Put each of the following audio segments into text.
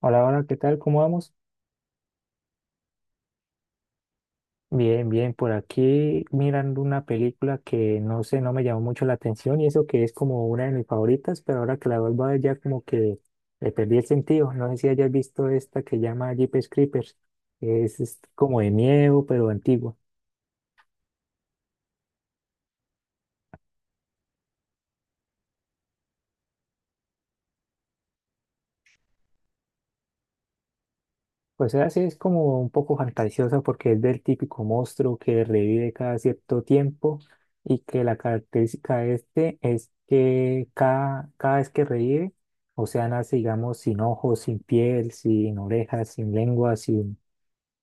Hola, hola, ¿qué tal? ¿Cómo vamos? Bien, bien, por aquí mirando una película que no sé, no me llamó mucho la atención y eso que es como una de mis favoritas, pero ahora que la vuelvo a ver ya como que le perdí el sentido. No sé si hayas visto esta que llama Jeepers Creepers. Es como de miedo, pero antigua. Pues esa sí es como un poco fantasiosa porque es del típico monstruo que revive cada cierto tiempo y que la característica de este es que cada vez que revive, o sea, nace, digamos, sin ojos, sin piel, sin orejas, sin lengua, sin,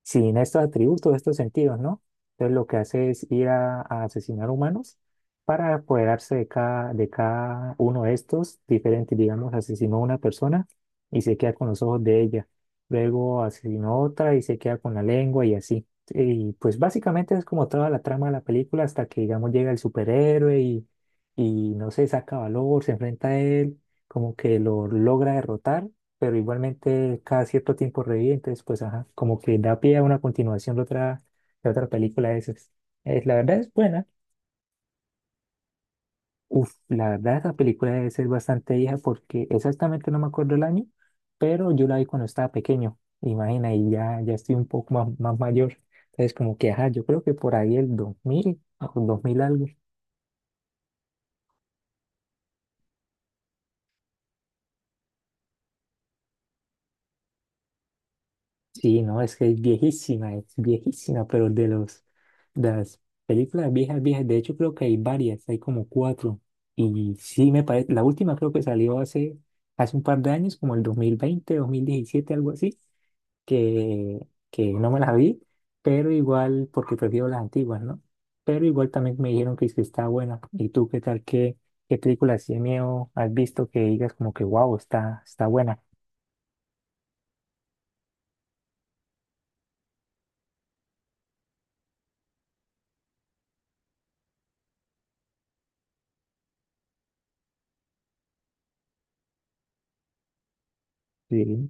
sin estos atributos, estos sentidos, ¿no? Entonces lo que hace es ir a asesinar humanos para apoderarse de cada uno de estos diferentes, digamos, asesinó a una persona y se queda con los ojos de ella, luego asesinó a otra y se queda con la lengua y así. Y pues básicamente es como toda la trama de la película hasta que, digamos, llega el superhéroe y no sé, saca valor, se enfrenta a él, como que lo logra derrotar, pero igualmente cada cierto tiempo revive, entonces pues ajá, como que da pie a una continuación de otra película de esas. Es, la verdad es buena. Uf, la verdad esa película debe ser bastante vieja porque exactamente no me acuerdo el año, pero yo la vi cuando estaba pequeño, imagina, y ya, ya estoy un poco más, más mayor. Entonces como que ajá, yo creo que por ahí el 2000 o 2000 algo. Sí, no, es que es viejísima, pero de los de las películas viejas, viejas, de hecho creo que hay varias, hay como cuatro. Y sí me parece, la última creo que salió hace, hace un par de años, como el 2020, 2017, algo así, que, que no me las vi, pero igual, porque prefiero las antiguas, ¿no? Pero igual también me dijeron que, es que está buena. ¿Y tú qué tal? ¿Qué, qué película así de miedo has visto que digas como que wow, está, está buena? Sí,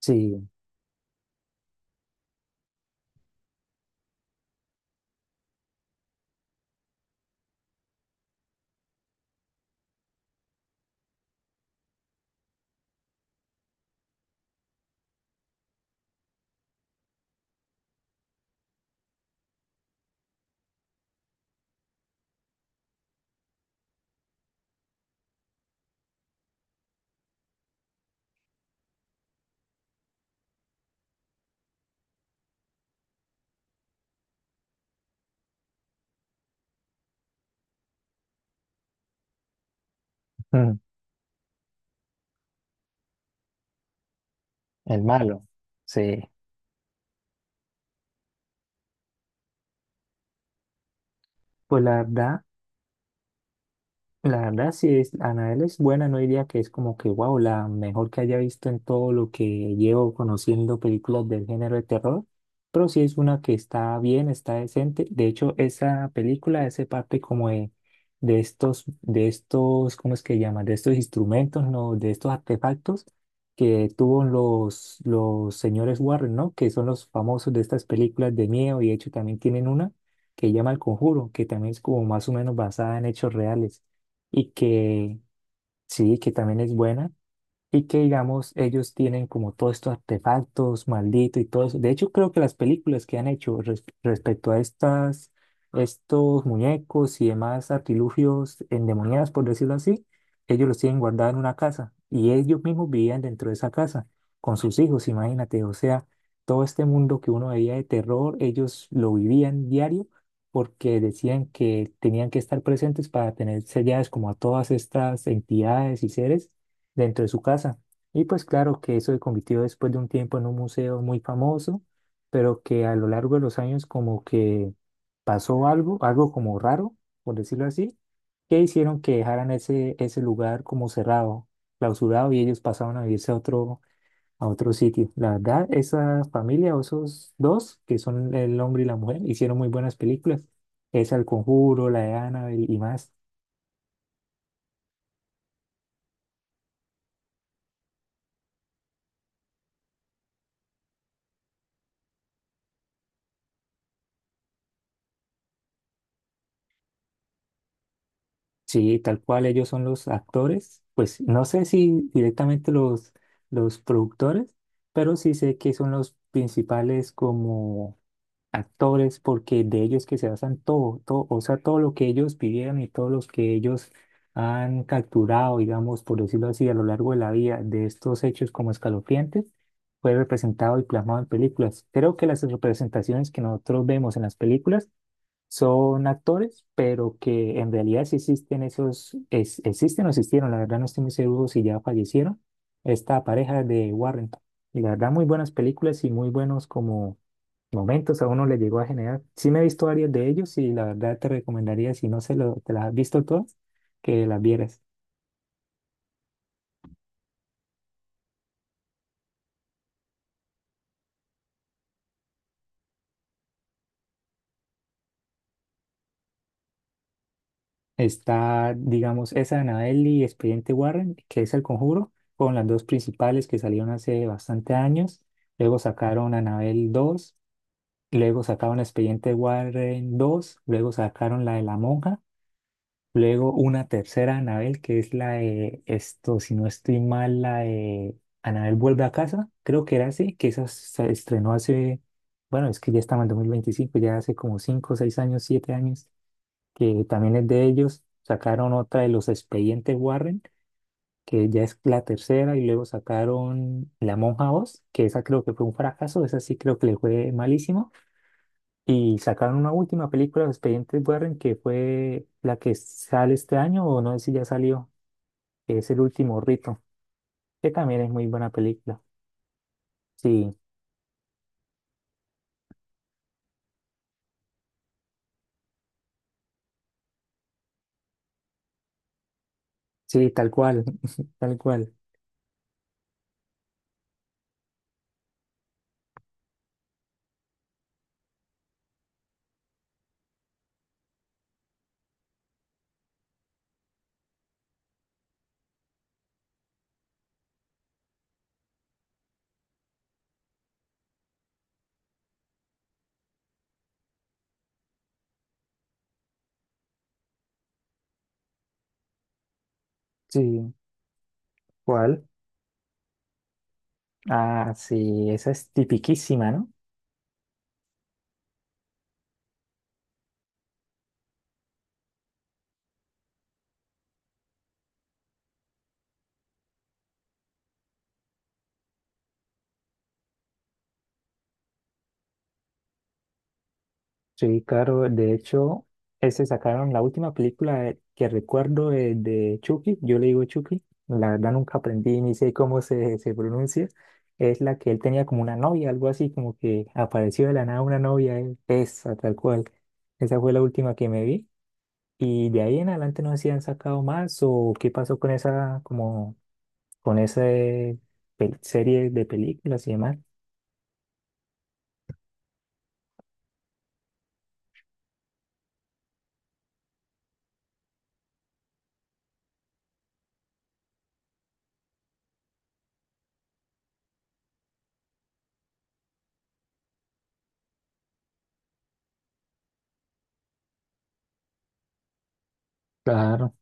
sí. El malo. Sí. Pues la verdad, la verdad, sí es, Anabel es buena, no diría que es como que, wow, la mejor que haya visto en todo lo que llevo conociendo películas del género de terror, pero sí es una que está bien, está decente. De hecho, esa película ese parte como de estos, ¿cómo es que llaman? De estos instrumentos, ¿no? De estos artefactos que tuvo los señores Warren, ¿no? Que son los famosos de estas películas de miedo y de hecho también tienen una que llama El Conjuro, que también es como más o menos basada en hechos reales y que sí, que también es buena. Y que, digamos, ellos tienen como todos estos artefactos malditos y todo eso. De hecho, creo que las películas que han hecho respecto a estas, estos muñecos y demás artilugios endemoniados, por decirlo así, ellos los tienen guardados en una casa y ellos mismos vivían dentro de esa casa con sus hijos, imagínate. O sea, todo este mundo que uno veía de terror, ellos lo vivían diario porque decían que tenían que estar presentes para tener selladas como a todas estas entidades y seres dentro de su casa. Y pues claro que eso se convirtió después de un tiempo en un museo muy famoso, pero que a lo largo de los años como que pasó algo, algo como raro, por decirlo así, que hicieron que dejaran ese, ese lugar como cerrado, clausurado, y ellos pasaron a vivirse a otro sitio. La verdad, esa familia o esos dos, que son el hombre y la mujer, hicieron muy buenas películas. Esa El Conjuro, la de Annabelle y más. Sí, tal cual ellos son los actores, pues no sé si directamente los productores, pero sí sé que son los principales como actores porque de ellos que se basan todo, todo, o sea, todo lo que ellos pidieron y todos los que ellos han capturado, digamos, por decirlo así, a lo largo de la vida de estos hechos como escalofriantes, fue representado y plasmado en películas. Creo que las representaciones que nosotros vemos en las películas son actores, pero que en realidad sí existen esos, existen o existieron, la verdad no estoy muy seguro si ya fallecieron, esta pareja de Warrington. Y la verdad muy buenas películas y muy buenos como momentos a uno le llegó a generar. Sí me he visto varios de ellos y la verdad te recomendaría, si no se lo, te las has visto todas, que las vieras. Está, digamos, esa de Annabelle y Expediente Warren, que es El Conjuro, con las dos principales que salieron hace bastante años. Luego sacaron Annabelle dos. Luego sacaron el expediente Warren dos, luego sacaron la de la monja, luego una tercera Anabel, que es la de esto, si no estoy mal, la de Anabel vuelve a casa, creo que era así, que esa se estrenó hace, bueno, es que ya estaba en 2025, ya hace como 5 6 años, 7 años, que también es de ellos. Sacaron otra de los expedientes Warren, que ya es la tercera, y luego sacaron La Monja dos que esa creo que fue un fracaso, esa sí creo que le fue malísimo. Y sacaron una última película de Expedientes Warren que fue la que sale este año, o no sé si ya salió, que es El Último Rito, que también es muy buena película. Sí, sí, tal cual, tal cual. Sí, ¿cuál? Ah, sí, esa es tipiquísima, ¿no? Sí, claro, de hecho, ese sacaron la última película que recuerdo de Chucky, yo le digo Chucky, la verdad nunca aprendí ni sé cómo se, se pronuncia, es la que él tenía como una novia, algo así, como que apareció de la nada una novia, él, esa tal cual, esa fue la última que me vi, y de ahí en adelante no sé si han sacado más o qué pasó con esa, como, con esa serie de películas y demás. Claro.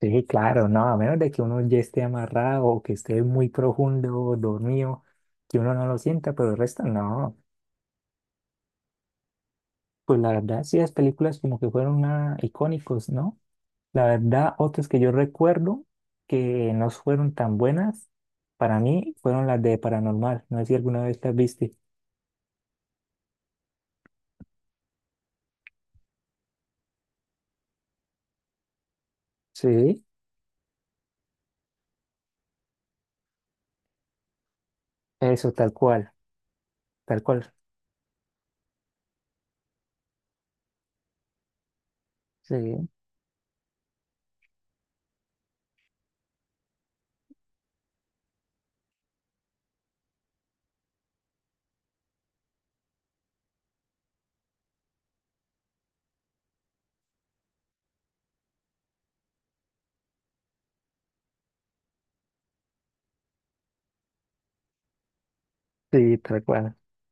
Sí, claro, no, a menos de que uno ya esté amarrado o que esté muy profundo, dormido, que uno no lo sienta, pero el resto no. Pues la verdad, sí, las películas como que fueron ah, icónicos, ¿no? La verdad, otras que yo recuerdo que no fueron tan buenas para mí fueron las de Paranormal. No sé si alguna vez las viste. Sí, eso, tal cual, tal cual. Sí, sí, tal cual.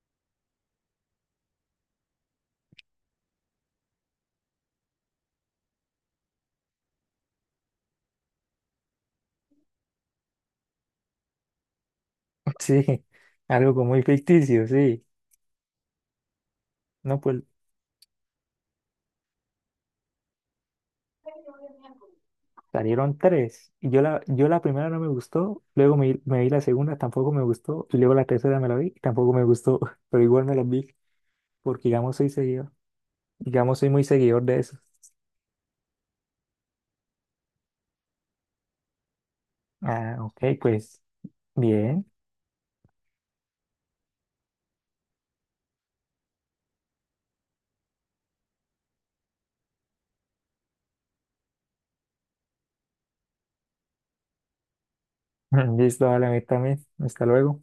Sí, algo como muy ficticio, sí. No, pues salieron tres. Y yo la, yo la primera no me gustó, luego me, me vi la segunda, tampoco me gustó, y luego la tercera me la vi, y tampoco me gustó, pero igual me las vi, porque digamos soy seguidor, digamos soy muy seguidor de eso. Ah, ok, pues bien. Listo, vale a mí también. Hasta luego.